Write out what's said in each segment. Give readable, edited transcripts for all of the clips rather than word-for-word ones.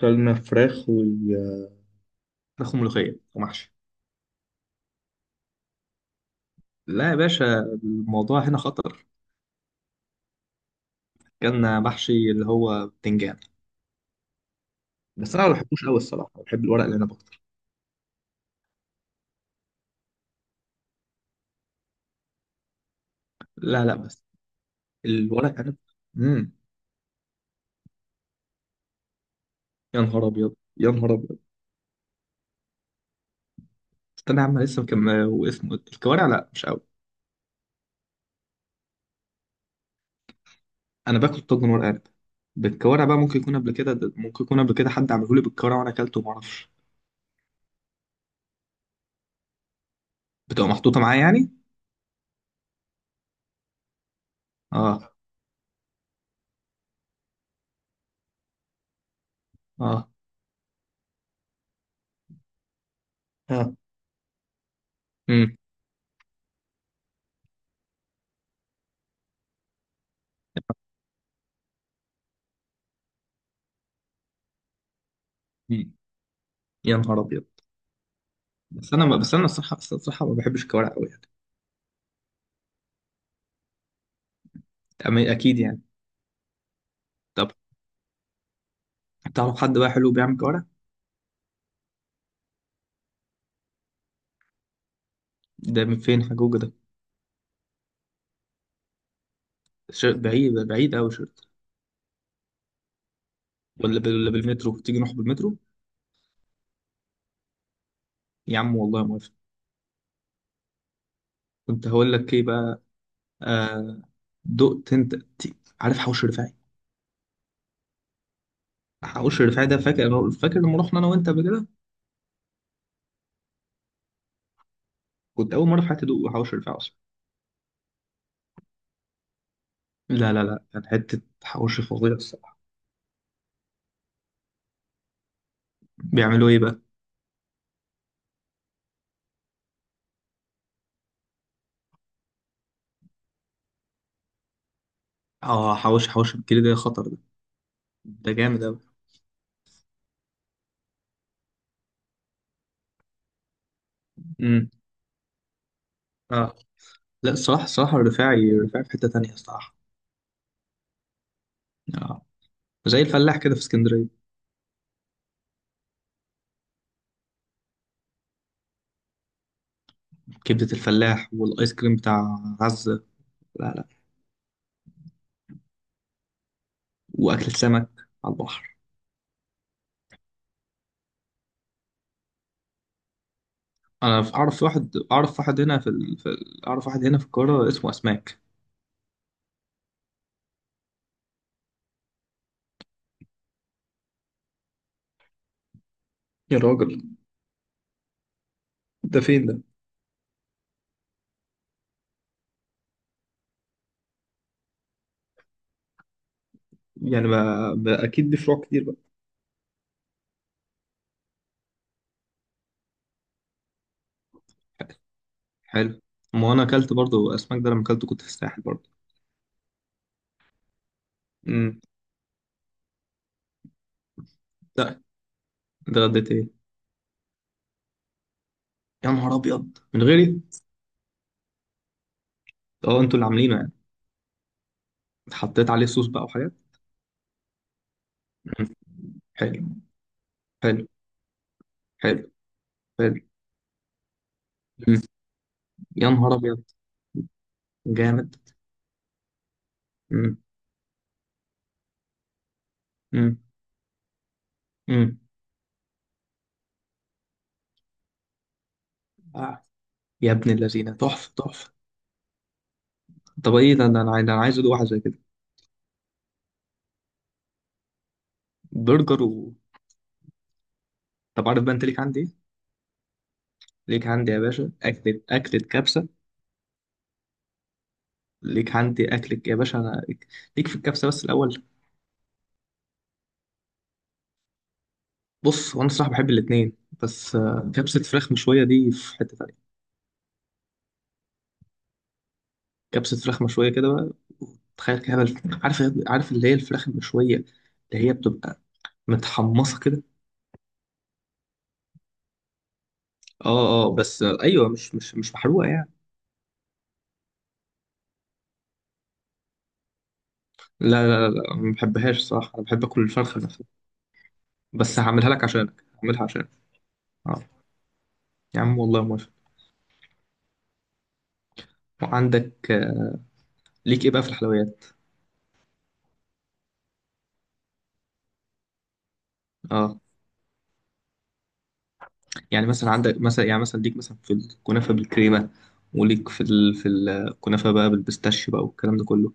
كلمة فراخ فراخ وملوخية ومحشي. لا يا باشا، الموضوع هنا خطر. كان محشي اللي هو بتنجان، بس أنا ما بحبوش أوي الصراحة، بحب الورق العنب أكتر. لا لا بس الورق العنب. مم. يا نهار أبيض يا نهار أبيض. استنى يا عم لسه واسمه إيه؟ الكوارع لا مش أوي. أنا باكل طاجن ورق عنب بالكوارع بقى، ممكن يكون قبل كده، حد عمله لي بالكوارع وأنا أكلته وما أعرفش. بتبقى محطوطة معايا يعني؟ آه. آه. آه. مم. مم. يا نهار أبيض. بس انا بس انا الصراحه، بس الصراحه ما بحبش الكوارع قوي يعني. أما اكيد يعني. طب تعرف حد بقى حلو بيعمل كوارع؟ ده من فين حجوجة ده؟ بعيد، بعيد قوي شرط. ولا بالمترو، تيجي نروح بالمترو. يا عم والله موافق. كنت هقول لك ايه بقى. آه. دقت انت ت- عارف حوش رفاعي؟ حوش رفاعي ده، فاكر لما رحنا انا وانت قبل كده. كنت اول مره في حياتي ادوق حوش رفاعي اصلا. لا، كان حته حوش فظيع الصراحه. بيعملوا ايه بقى؟ اه، حوش الكيلو ده خطر ده، ده جامد قوي. امم. اه لا الصراحة، الرفاعي في حتة تانية الصراحة. آه. زي الفلاح كده في اسكندرية. كبدة الفلاح، والآيس كريم بتاع عزة. لا لا. وأكل السمك على البحر. أنا أعرف واحد، أعرف واحد هنا في, ال... في ال... أعرف واحد هنا في القاهرة اسمه أسماك. يا راجل، ده فين ده؟ يعني ما أكيد دي فروع كتير بقى. حلو. ما أنا أكلت برضو أسماك ده، لما أكلته كنت في الساحل برضو. امم. لا. ده غديت إيه؟ يا نهار أبيض من غيري؟ أه، أنتوا اللي عاملينه يعني. حطيت عليه صوص بقى وحاجات. مم. حلو. حلو. حلو. حلو. مم. يا نهار ابيض. جامد. مم. مم. مم. آه. يا ابن الذين، تحفه تحفه. طب ايه ده، انا عايز ادوق واحد زي كده. برجر و... طب عارف بقى انت ليك عندي ايه؟ ليك عندي يا باشا اكلة، كبسة. ليك عندي اكلة يا باشا انا، ليك في الكبسة بس الاول. بص، وانا الصراحة بحب الاتنين، بس آه، كبسة فراخ مشوية دي في حتة تانية. كبسة فراخ مشوية كده بقى، تخيل كده بقى عارف، عارف اللي هي الفراخ المشوية، اللي هي بتبقى متحمصة كده. اه اه، بس ايوه مش محروقه يعني. لا، ما بحبهاش صح، انا بحب اكل الفرخه نفسها. بس هعملها لك عشانك، هعملها عشانك. اه. يا عم والله موافق. وعندك آه، ليك ايه بقى في الحلويات؟ اه. يعني مثلا عندك، مثلا ليك مثلا في الكنافه بالكريمه، وليك في ال... في الكنافه بقى بالبيستاشيو بقى والكلام ده كله،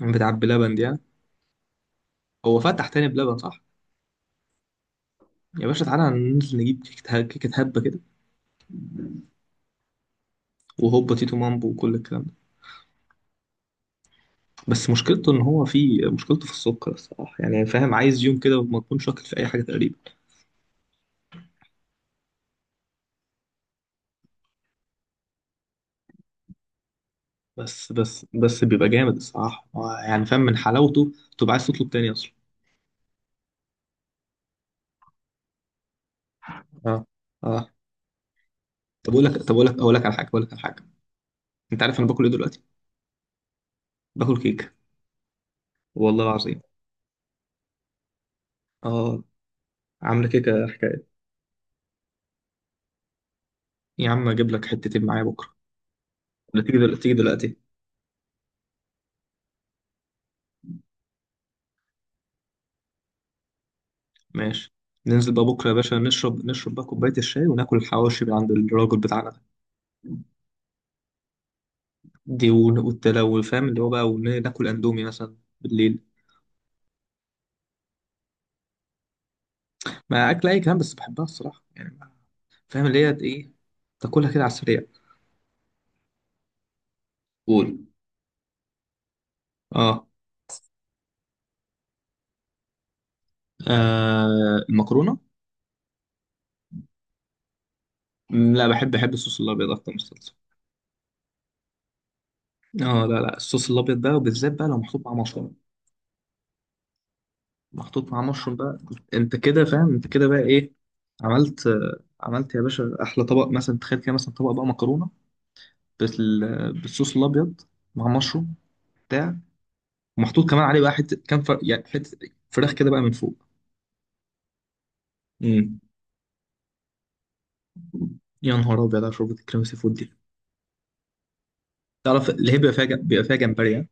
بتاع بلبن دي يعني. هو فتح تاني بلبن صح؟ يا باشا تعالى ننزل نجيب كيكة، هبة كده، وهوبا تيتو مامبو وكل الكلام ده. بس مشكلته ان هو في، في السكر الصراحه يعني، فاهم، عايز يوم كده وما تكون شاكل في اي حاجه تقريبا. بس بيبقى جامد الصراحه آه، يعني فاهم، من حلاوته تبقى عايز تطلب تاني اصلا. اه. اه. طب اقول لك اقول لك على حاجه. انت عارف انا باكل ايه دلوقتي؟ باكل كيكه، والله العظيم. اه، عامله كيكه حكايه. يا عم اجيب لك حتتين معايا بكره، ولا تيجي دلوقتي، ماشي. ننزل بقى بكره يا باشا، نشرب، نشرب بقى كوبايه الشاي، وناكل الحواوشي من عند الراجل بتاعنا ده. دي والتلو فاهم اللي هو بقى، ناكل اندومي مثلا بالليل. ما اكل اي كلام بس بحبها الصراحه يعني فاهم اللي هي ايه، تاكلها كده على السريع. قول. اه. آه، المكرونه. مم، لا بحب، الصوص الابيض اكتر من الصلصه. اه، لا الصوص الابيض بقى، وبالذات بقى لو محطوط مع مشروم، محطوط مع مشروم بقى انت كده فاهم، انت كده بقى ايه. عملت آه، عملت يا باشا احلى طبق، مثلا تخيل كده، مثلا طبق بقى مكرونه بالصوص الابيض، مع مشروم بتاع، ومحطوط كمان عليه بقى حته كام يعني حته فراخ كده بقى من فوق. امم. يا نهار ابيض على شوربه الكريم سي فود دي. تعرف اللي هي بيبقى فيها بيبقى فيها جمبري ها؟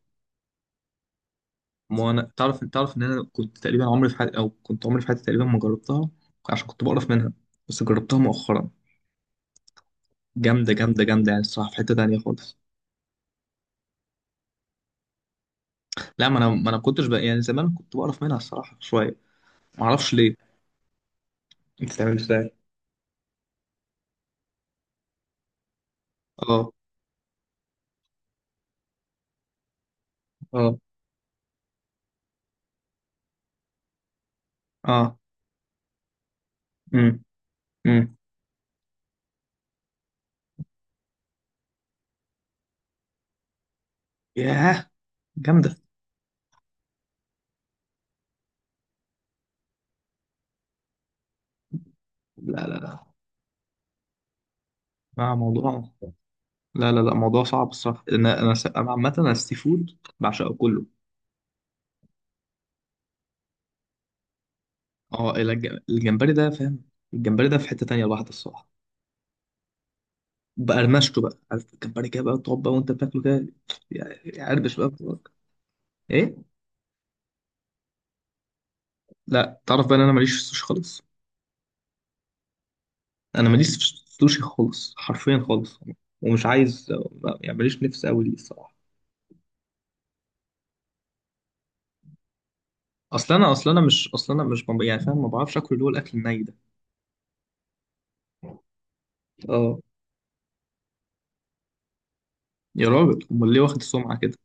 ما انا تعرف، تعرف ان انا كنت تقريبا عمري في حياتي او كنت عمري في حياتي تقريبا ما جربتها، عشان كنت بقرف منها، بس جربتها مؤخرا. جامده يعني الصراحه، في حته تانيه خالص. لا، ما انا ما انا كنتش بقى يعني، زمان كنت بقرف منها الصراحه شويه، ما اعرفش ليه. بتتعمل ازاي؟ اه. اه. اه. امم. امم. ياه، جامده. لا آه، موضوع، لا موضوع صعب الصراحه، أنا عامه انا السي فود بعشقه كله. اه، إلا الجمبري ده، فاهم، الجمبري ده في حته تانية لوحده الصراحه، بقرمشته بقى، عارف الجمبري كده بقى، تقعد بقى وانت بتاكله كده، يعربش بقى في بقك. ايه؟ لا تعرف بقى ان انا ماليش في السوشي خالص، انا ماليش في السوشي خالص، حرفيا خالص، ومش عايز، يعني ماليش نفس قوي ليه الصراحه. اصل انا مش يعني فاهم، ما بعرفش اكل اللي هو الاكل الني ده. اه. يا راجل امال ليه واخد السمعه كده؟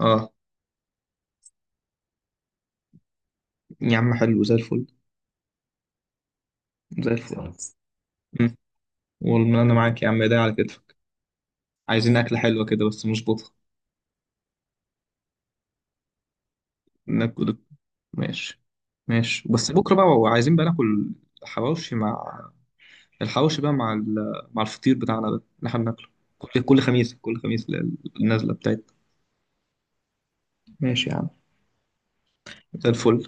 اه. يا عم حلو زي الفل. زي الفل، خلاص. مم. والله انا معاك يا عم، ايدي على كتفك. عايزين اكله حلوه كده بس مظبوطه. ناكل. ماشي. ماشي، بس بكره بقى عايزين بقى ناكل حواوشي، الحواوشي بقى مع مع الفطير بتاعنا ده اللي احنا بناكله كل كل خميس، كل خميس النازله بتاعتنا. ماشي يا عم. زي الفل.